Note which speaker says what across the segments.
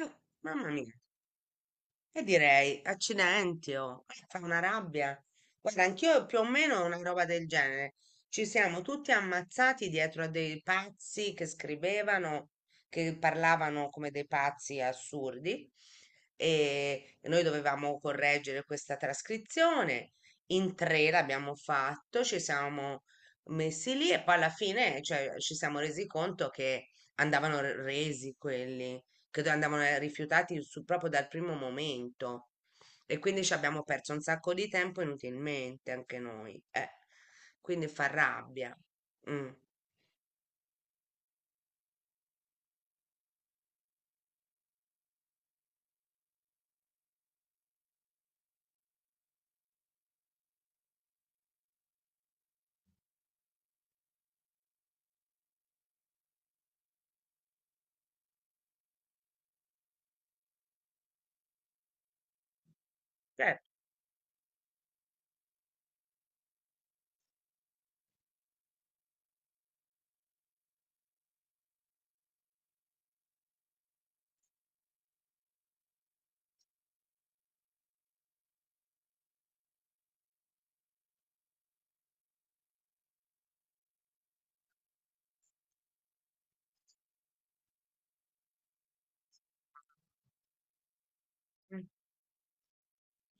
Speaker 1: Eh, Mamma mia, e direi accidenti, oh, fa una rabbia. Guarda, anch'io più o meno ho una roba del genere. Ci siamo tutti ammazzati dietro a dei pazzi che scrivevano, che parlavano come dei pazzi assurdi. E noi dovevamo correggere questa trascrizione. In tre l'abbiamo fatto, ci siamo messi lì e poi alla fine, cioè, ci siamo resi conto che andavano resi quelli che andavano rifiutati proprio dal primo momento. E quindi ci abbiamo perso un sacco di tempo inutilmente anche noi. Quindi fa rabbia. Mm. Certo.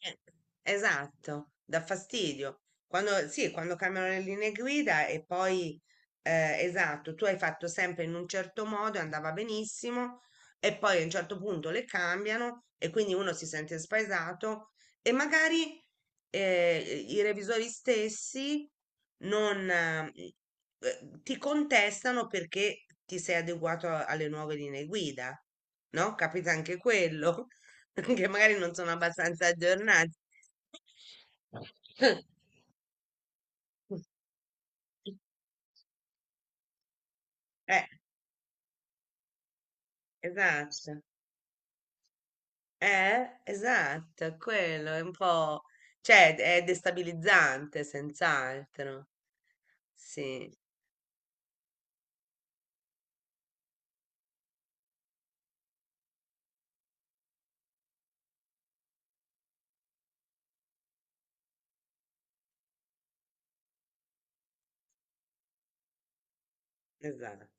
Speaker 1: Eh, Esatto, dà fastidio. Quando, sì, quando cambiano le linee guida e poi, esatto, tu hai fatto sempre in un certo modo e andava benissimo e poi a un certo punto le cambiano e quindi uno si sente spaesato e magari i revisori stessi non, ti contestano perché ti sei adeguato alle nuove linee guida, no? Capita anche quello. Che magari non sono abbastanza aggiornati. Eh, esatto. Esatto, è quello è un po', cioè è destabilizzante, senz'altro. Sì, esatto.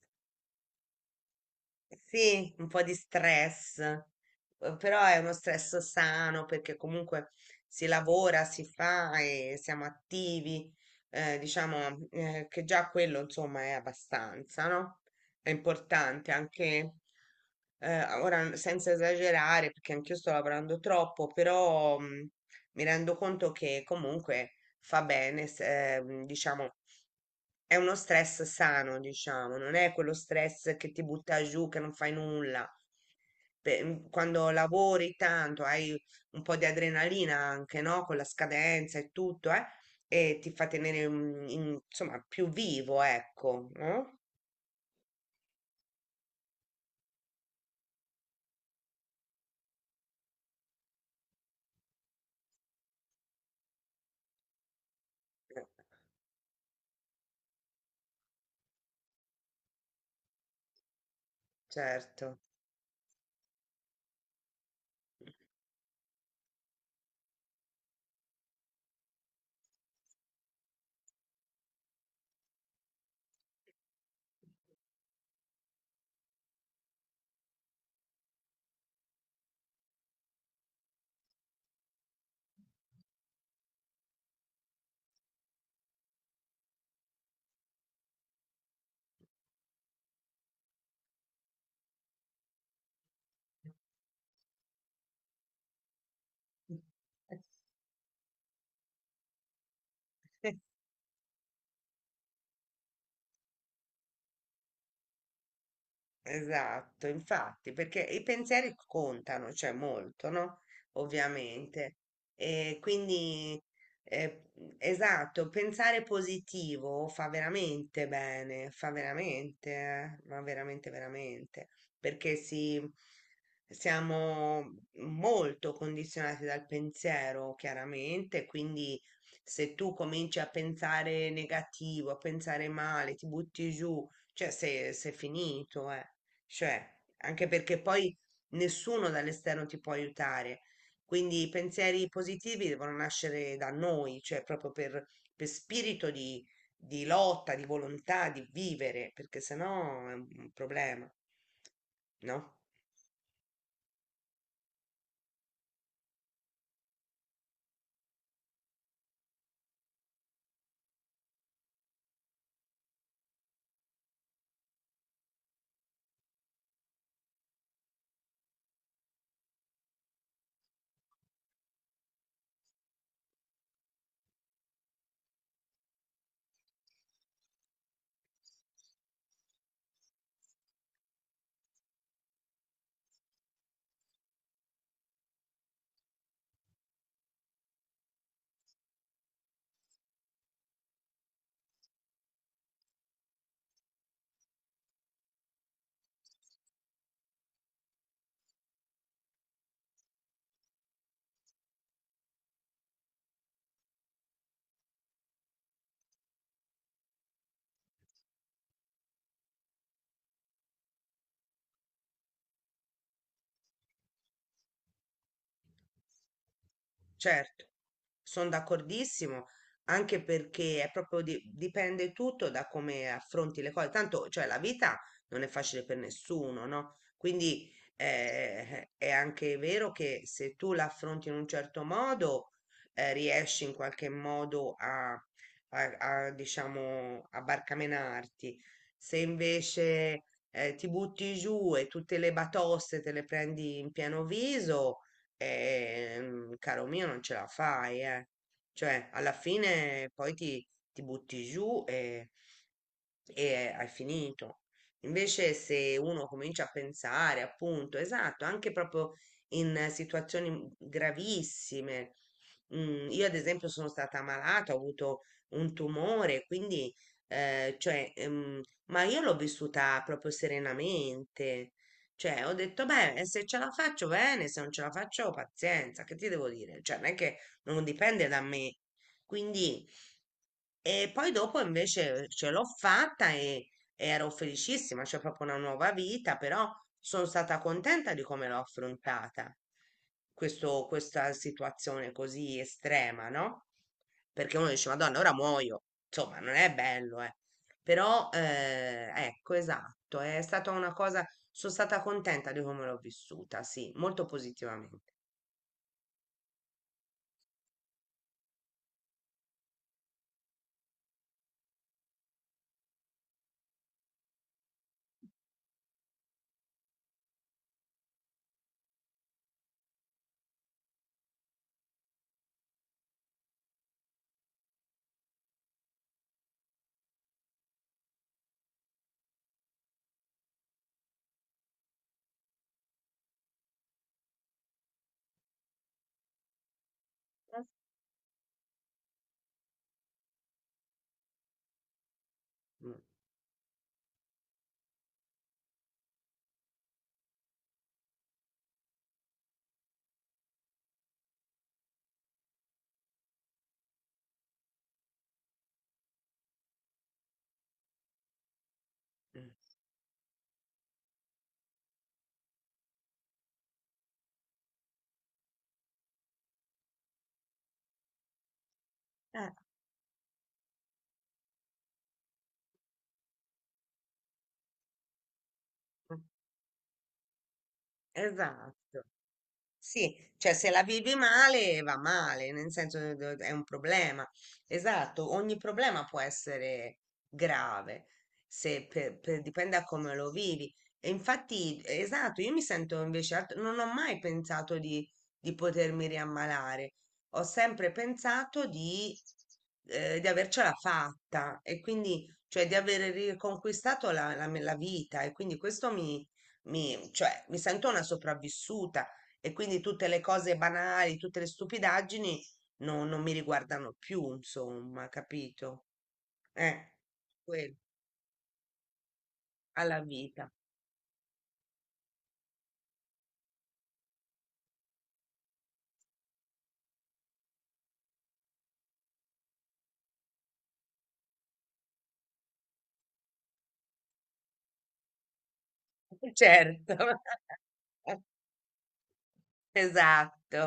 Speaker 1: Sì, un po' di stress, però è uno stress sano perché comunque si lavora, si fa e siamo attivi, diciamo, che già quello insomma è abbastanza, no? È importante anche, ora senza esagerare perché anch'io sto lavorando troppo, però, mi rendo conto che comunque fa bene, diciamo è uno stress sano, diciamo, non è quello stress che ti butta giù, che non fai nulla. Quando lavori tanto, hai un po' di adrenalina anche, no? Con la scadenza e tutto, eh? E ti fa tenere, insomma, più vivo, ecco, no? Eh, Certo. Esatto, infatti, perché i pensieri contano, cioè molto, no? Ovviamente. E quindi, eh, esatto, pensare positivo fa veramente bene, fa veramente, ma veramente, veramente, perché si, siamo molto condizionati dal pensiero, chiaramente, quindi se tu cominci a pensare negativo, a pensare male, ti butti giù, cioè sei, sei finito, eh. Cioè, anche perché poi nessuno dall'esterno ti può aiutare. Quindi i pensieri positivi devono nascere da noi, cioè proprio per spirito di lotta, di volontà, di vivere, perché sennò è un problema, no? Certo, sono d'accordissimo, anche perché è proprio dipende tutto da come affronti le cose. Tanto, cioè, la vita non è facile per nessuno, no? Quindi è anche vero che se tu la affronti in un certo modo, riesci in qualche modo a, diciamo, a barcamenarti. Se invece ti butti giù e tutte le batoste te le prendi in pieno viso. Caro mio, non ce la fai, eh. Cioè, alla fine poi ti butti giù e hai finito. Invece, se uno comincia a pensare, appunto, esatto, anche proprio in situazioni gravissime. Io, ad esempio, sono stata malata, ho avuto un tumore, quindi, cioè, ma io l'ho vissuta proprio serenamente. Cioè, ho detto, beh, se ce la faccio bene, se non ce la faccio, pazienza, che ti devo dire? Cioè, non è che non dipende da me. Quindi, e poi dopo invece ce l'ho fatta e ero felicissima, c'è proprio una nuova vita, però sono stata contenta di come l'ho affrontata, questa situazione così estrema, no? Perché uno dice, Madonna, ora muoio. Insomma, non è bello, eh. Però, ecco, esatto, è stata una cosa, sono stata contenta di come l'ho vissuta, sì, molto positivamente. Mm, mm. Eh, mm, esatto. Sì, cioè se la vivi male va male, nel senso che è un problema. Esatto, ogni problema può essere grave, se dipende da come lo vivi. E infatti, esatto, io mi sento invece, non ho mai pensato di potermi riammalare, ho sempre pensato di avercela fatta e quindi, cioè di aver riconquistato la, la, la vita e quindi questo mi, mi, cioè, mi sento una sopravvissuta e quindi tutte le cose banali, tutte le stupidaggini non mi riguardano più, insomma, capito? Eh, quello, alla vita. Certo. Esatto.